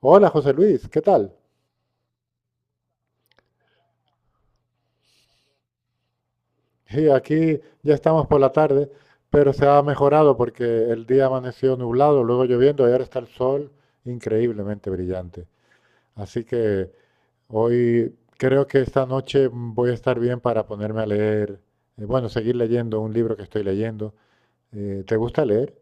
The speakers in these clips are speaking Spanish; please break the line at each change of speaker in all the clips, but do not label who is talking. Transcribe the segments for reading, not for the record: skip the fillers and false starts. Hola José Luis, ¿qué tal? Sí, aquí ya estamos por la tarde, pero se ha mejorado porque el día amaneció nublado, luego lloviendo y ahora está el sol increíblemente brillante. Así que hoy creo que esta noche voy a estar bien para ponerme a leer, bueno, seguir leyendo un libro que estoy leyendo. ¿Te gusta leer?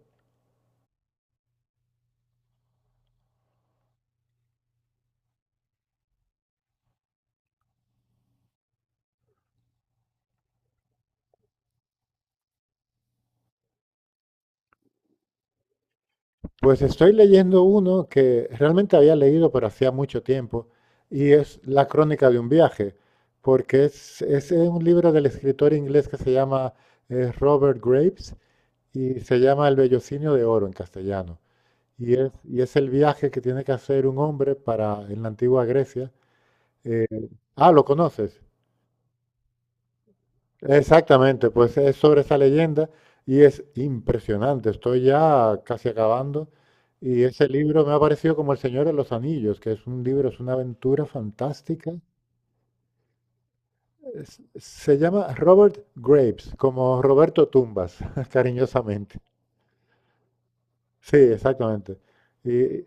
Pues estoy leyendo uno que realmente había leído, pero hacía mucho tiempo, y es La crónica de un viaje, porque es un libro del escritor inglés que se llama Robert Graves, y se llama El vellocinio de oro en castellano. Y es el viaje que tiene que hacer un hombre para en la antigua Grecia. Eh, ¿Lo conoces? Exactamente, pues es sobre esa leyenda y es impresionante. Estoy ya casi acabando y ese libro me ha parecido como El Señor de los Anillos, que es un libro, es una aventura fantástica. Se llama Robert Graves, como Roberto Tumbas, cariñosamente. Sí, exactamente. Y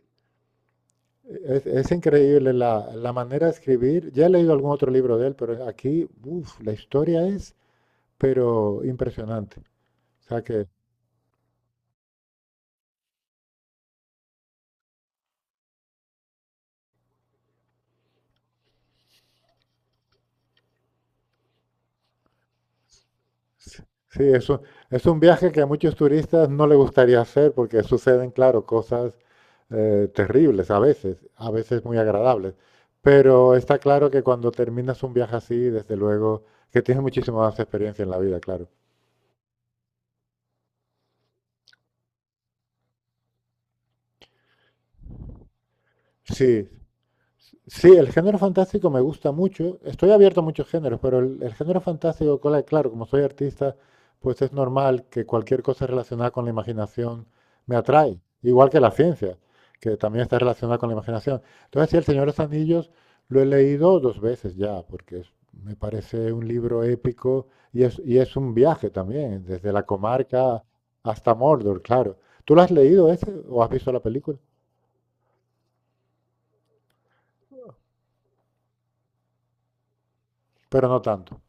es increíble la manera de escribir. Ya he leído algún otro libro de él, pero aquí, uf, la historia es, pero impresionante. O sea que sí, es un viaje que a muchos turistas no les gustaría hacer porque suceden, claro, cosas terribles a veces muy agradables. Pero está claro que cuando terminas un viaje así, desde luego, que tienes muchísima más experiencia en la vida, claro. Sí, sí, el género fantástico me gusta mucho. Estoy abierto a muchos géneros, pero el género fantástico, claro, como soy artista, pues es normal que cualquier cosa relacionada con la imaginación me atrae, igual que la ciencia, que también está relacionada con la imaginación. Entonces, sí, El Señor de los Anillos lo he leído dos veces ya, porque me parece un libro épico y es un viaje también, desde la comarca hasta Mordor, claro. ¿Tú lo has leído ese o has visto la película? Pero no tanto.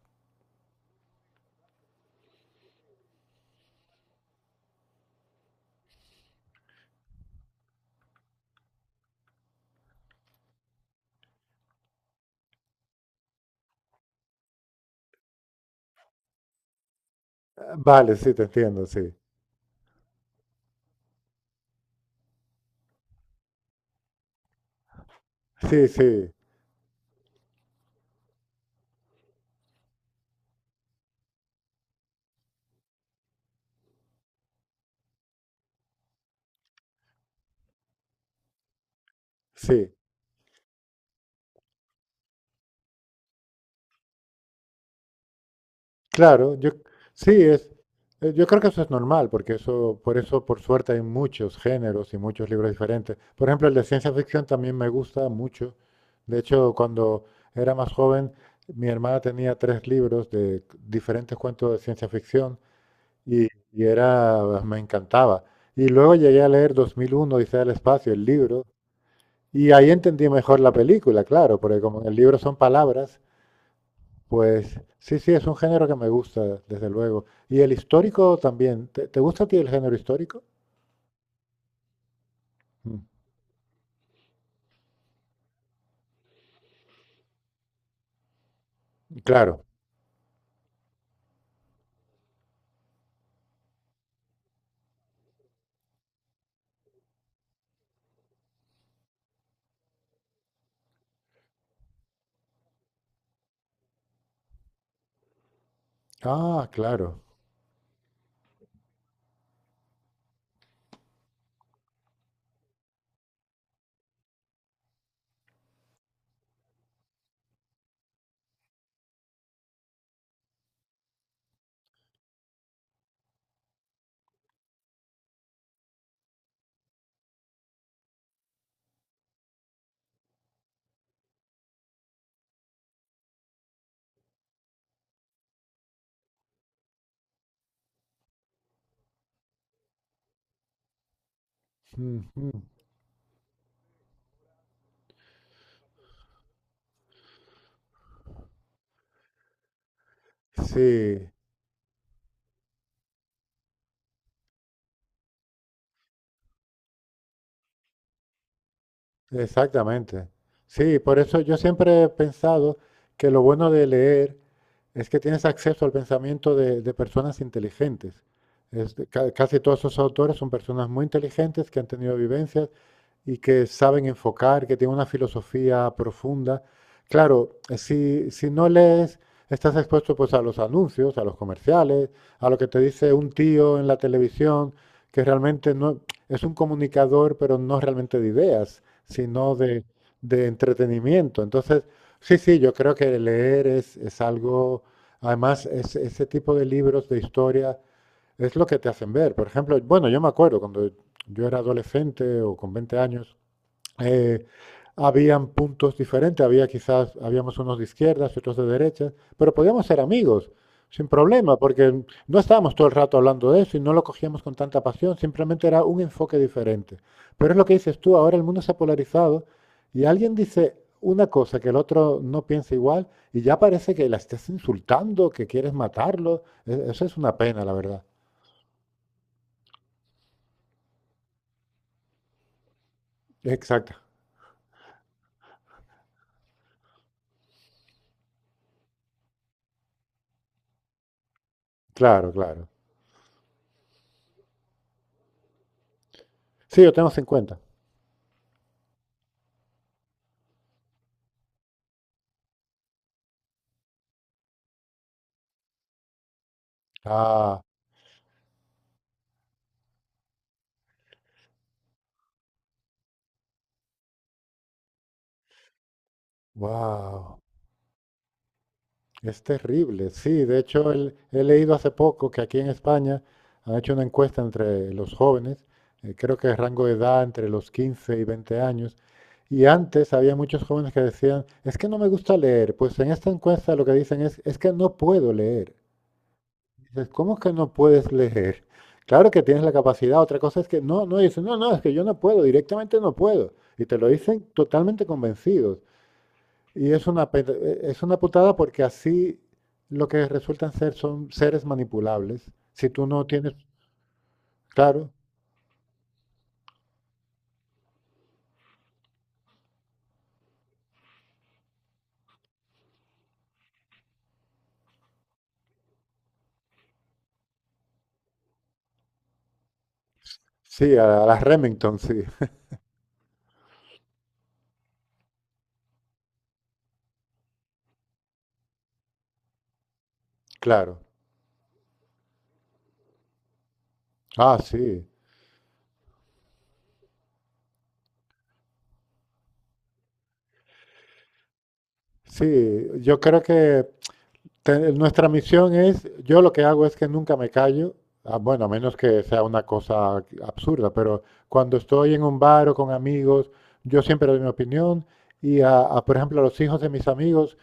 Vale, sí, te entiendo, sí. Sí, sí, sí. Claro, yo sí es. Yo creo que eso es normal, porque eso, por eso, por suerte, hay muchos géneros y muchos libros diferentes. Por ejemplo, el de ciencia ficción también me gusta mucho. De hecho, cuando era más joven, mi hermana tenía tres libros de diferentes cuentos de ciencia ficción y era, me encantaba. Y luego llegué a leer 2001, Odisea del Espacio, el libro, y ahí entendí mejor la película, claro, porque como en el libro son palabras. Pues sí, sí, es un género que me gusta, desde luego. Y el histórico también. ¿Te, te gusta a ti el género histórico? Mm, claro. Ah, claro. Mm, mm. Sí, exactamente. Sí, por eso yo siempre he pensado que lo bueno de leer es que tienes acceso al pensamiento de personas inteligentes. Es casi todos esos autores son personas muy inteligentes que han tenido vivencias y que saben enfocar, que tienen una filosofía profunda. Claro, si, si no lees, estás expuesto pues a los anuncios, a los comerciales, a lo que te dice un tío en la televisión, que realmente no es un comunicador, pero no realmente de ideas, sino de entretenimiento. Entonces, sí, sí, yo creo que leer es algo, además, ese tipo de libros de historia es lo que te hacen ver. Por ejemplo, bueno, yo me acuerdo cuando yo era adolescente o con 20 años, eh, habían puntos diferentes, había quizás, habíamos unos de izquierdas y otros de derechas, pero podíamos ser amigos sin problema, porque no estábamos todo el rato hablando de eso y no lo cogíamos con tanta pasión, simplemente era un enfoque diferente. Pero es lo que dices tú, ahora el mundo se ha polarizado y alguien dice una cosa que el otro no piensa igual y ya parece que la estás insultando, que quieres matarlo. Eso es una pena, la verdad. Exacto. Claro, claro. Sí, lo tenemos en cuenta. Ah, wow. Es terrible, sí. De hecho, he leído hace poco que aquí en España han hecho una encuesta entre los jóvenes, creo que de rango de edad entre los 15 y 20 años, y antes había muchos jóvenes que decían, es que no me gusta leer. Pues en esta encuesta lo que dicen es que no puedo leer. Dices, ¿cómo que no puedes leer? Claro que tienes la capacidad, otra cosa es que dicen, no, no, es que yo no puedo, directamente no puedo. Y te lo dicen totalmente convencidos. Y es una, es una putada porque así lo que resultan ser son seres manipulables. Si tú no tienes, claro, sí, a las Remington, sí, claro. Ah, sí, sí, yo creo que nuestra misión es, yo lo que hago es que nunca me callo, ah, bueno, a menos que sea una cosa absurda, pero cuando estoy en un bar o con amigos, yo siempre doy mi opinión y, a, por ejemplo, a los hijos de mis amigos,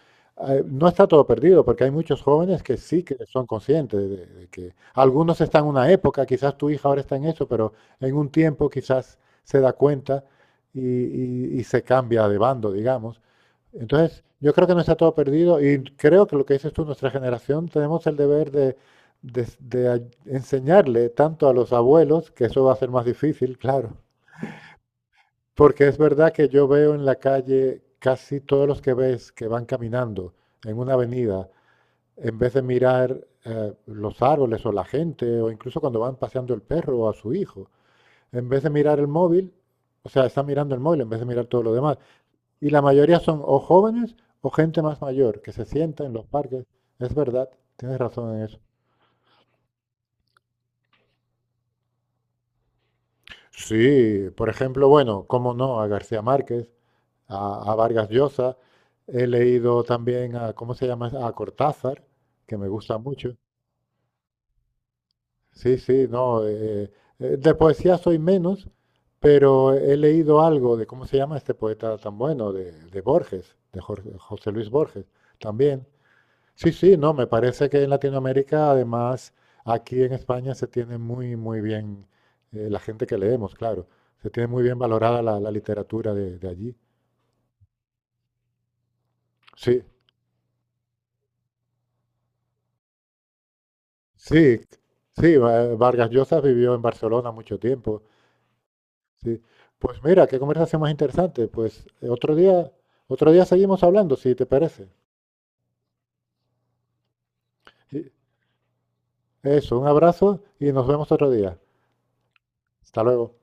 no está todo perdido, porque hay muchos jóvenes que sí que son conscientes de que algunos están en una época, quizás tu hija ahora está en eso, pero en un tiempo quizás se da cuenta y se cambia de bando, digamos. Entonces, yo creo que no está todo perdido y creo que lo que dices tú, nuestra generación, tenemos el deber de, enseñarle tanto a los abuelos, que eso va a ser más difícil, claro, porque es verdad que yo veo en la calle casi todos los que ves que van caminando en una avenida, en vez de mirar los árboles o la gente, o incluso cuando van paseando el perro o a su hijo, en vez de mirar el móvil, o sea, están mirando el móvil en vez de mirar todo lo demás. Y la mayoría son o jóvenes o gente más mayor que se sienta en los parques. Es verdad, tienes razón en eso. Sí, por ejemplo, bueno, cómo no, a García Márquez, a Vargas Llosa. He leído también a, ¿cómo se llama? A Cortázar, que me gusta mucho. Sí, sí, no. De poesía soy menos, pero he leído algo de, ¿cómo se llama este poeta tan bueno? De Borges, de José Luis Borges, también. Sí, sí, no, me parece que en Latinoamérica, además, aquí en España se tiene muy, muy bien, la gente que leemos, claro, se tiene muy bien valorada la literatura de allí. Sí, sí, sí, Vargas Llosa vivió en Barcelona mucho tiempo. Sí. Pues mira, qué conversación más interesante. Pues otro día seguimos hablando, si te parece. Y- Eso, un abrazo y nos vemos otro día. Hasta luego.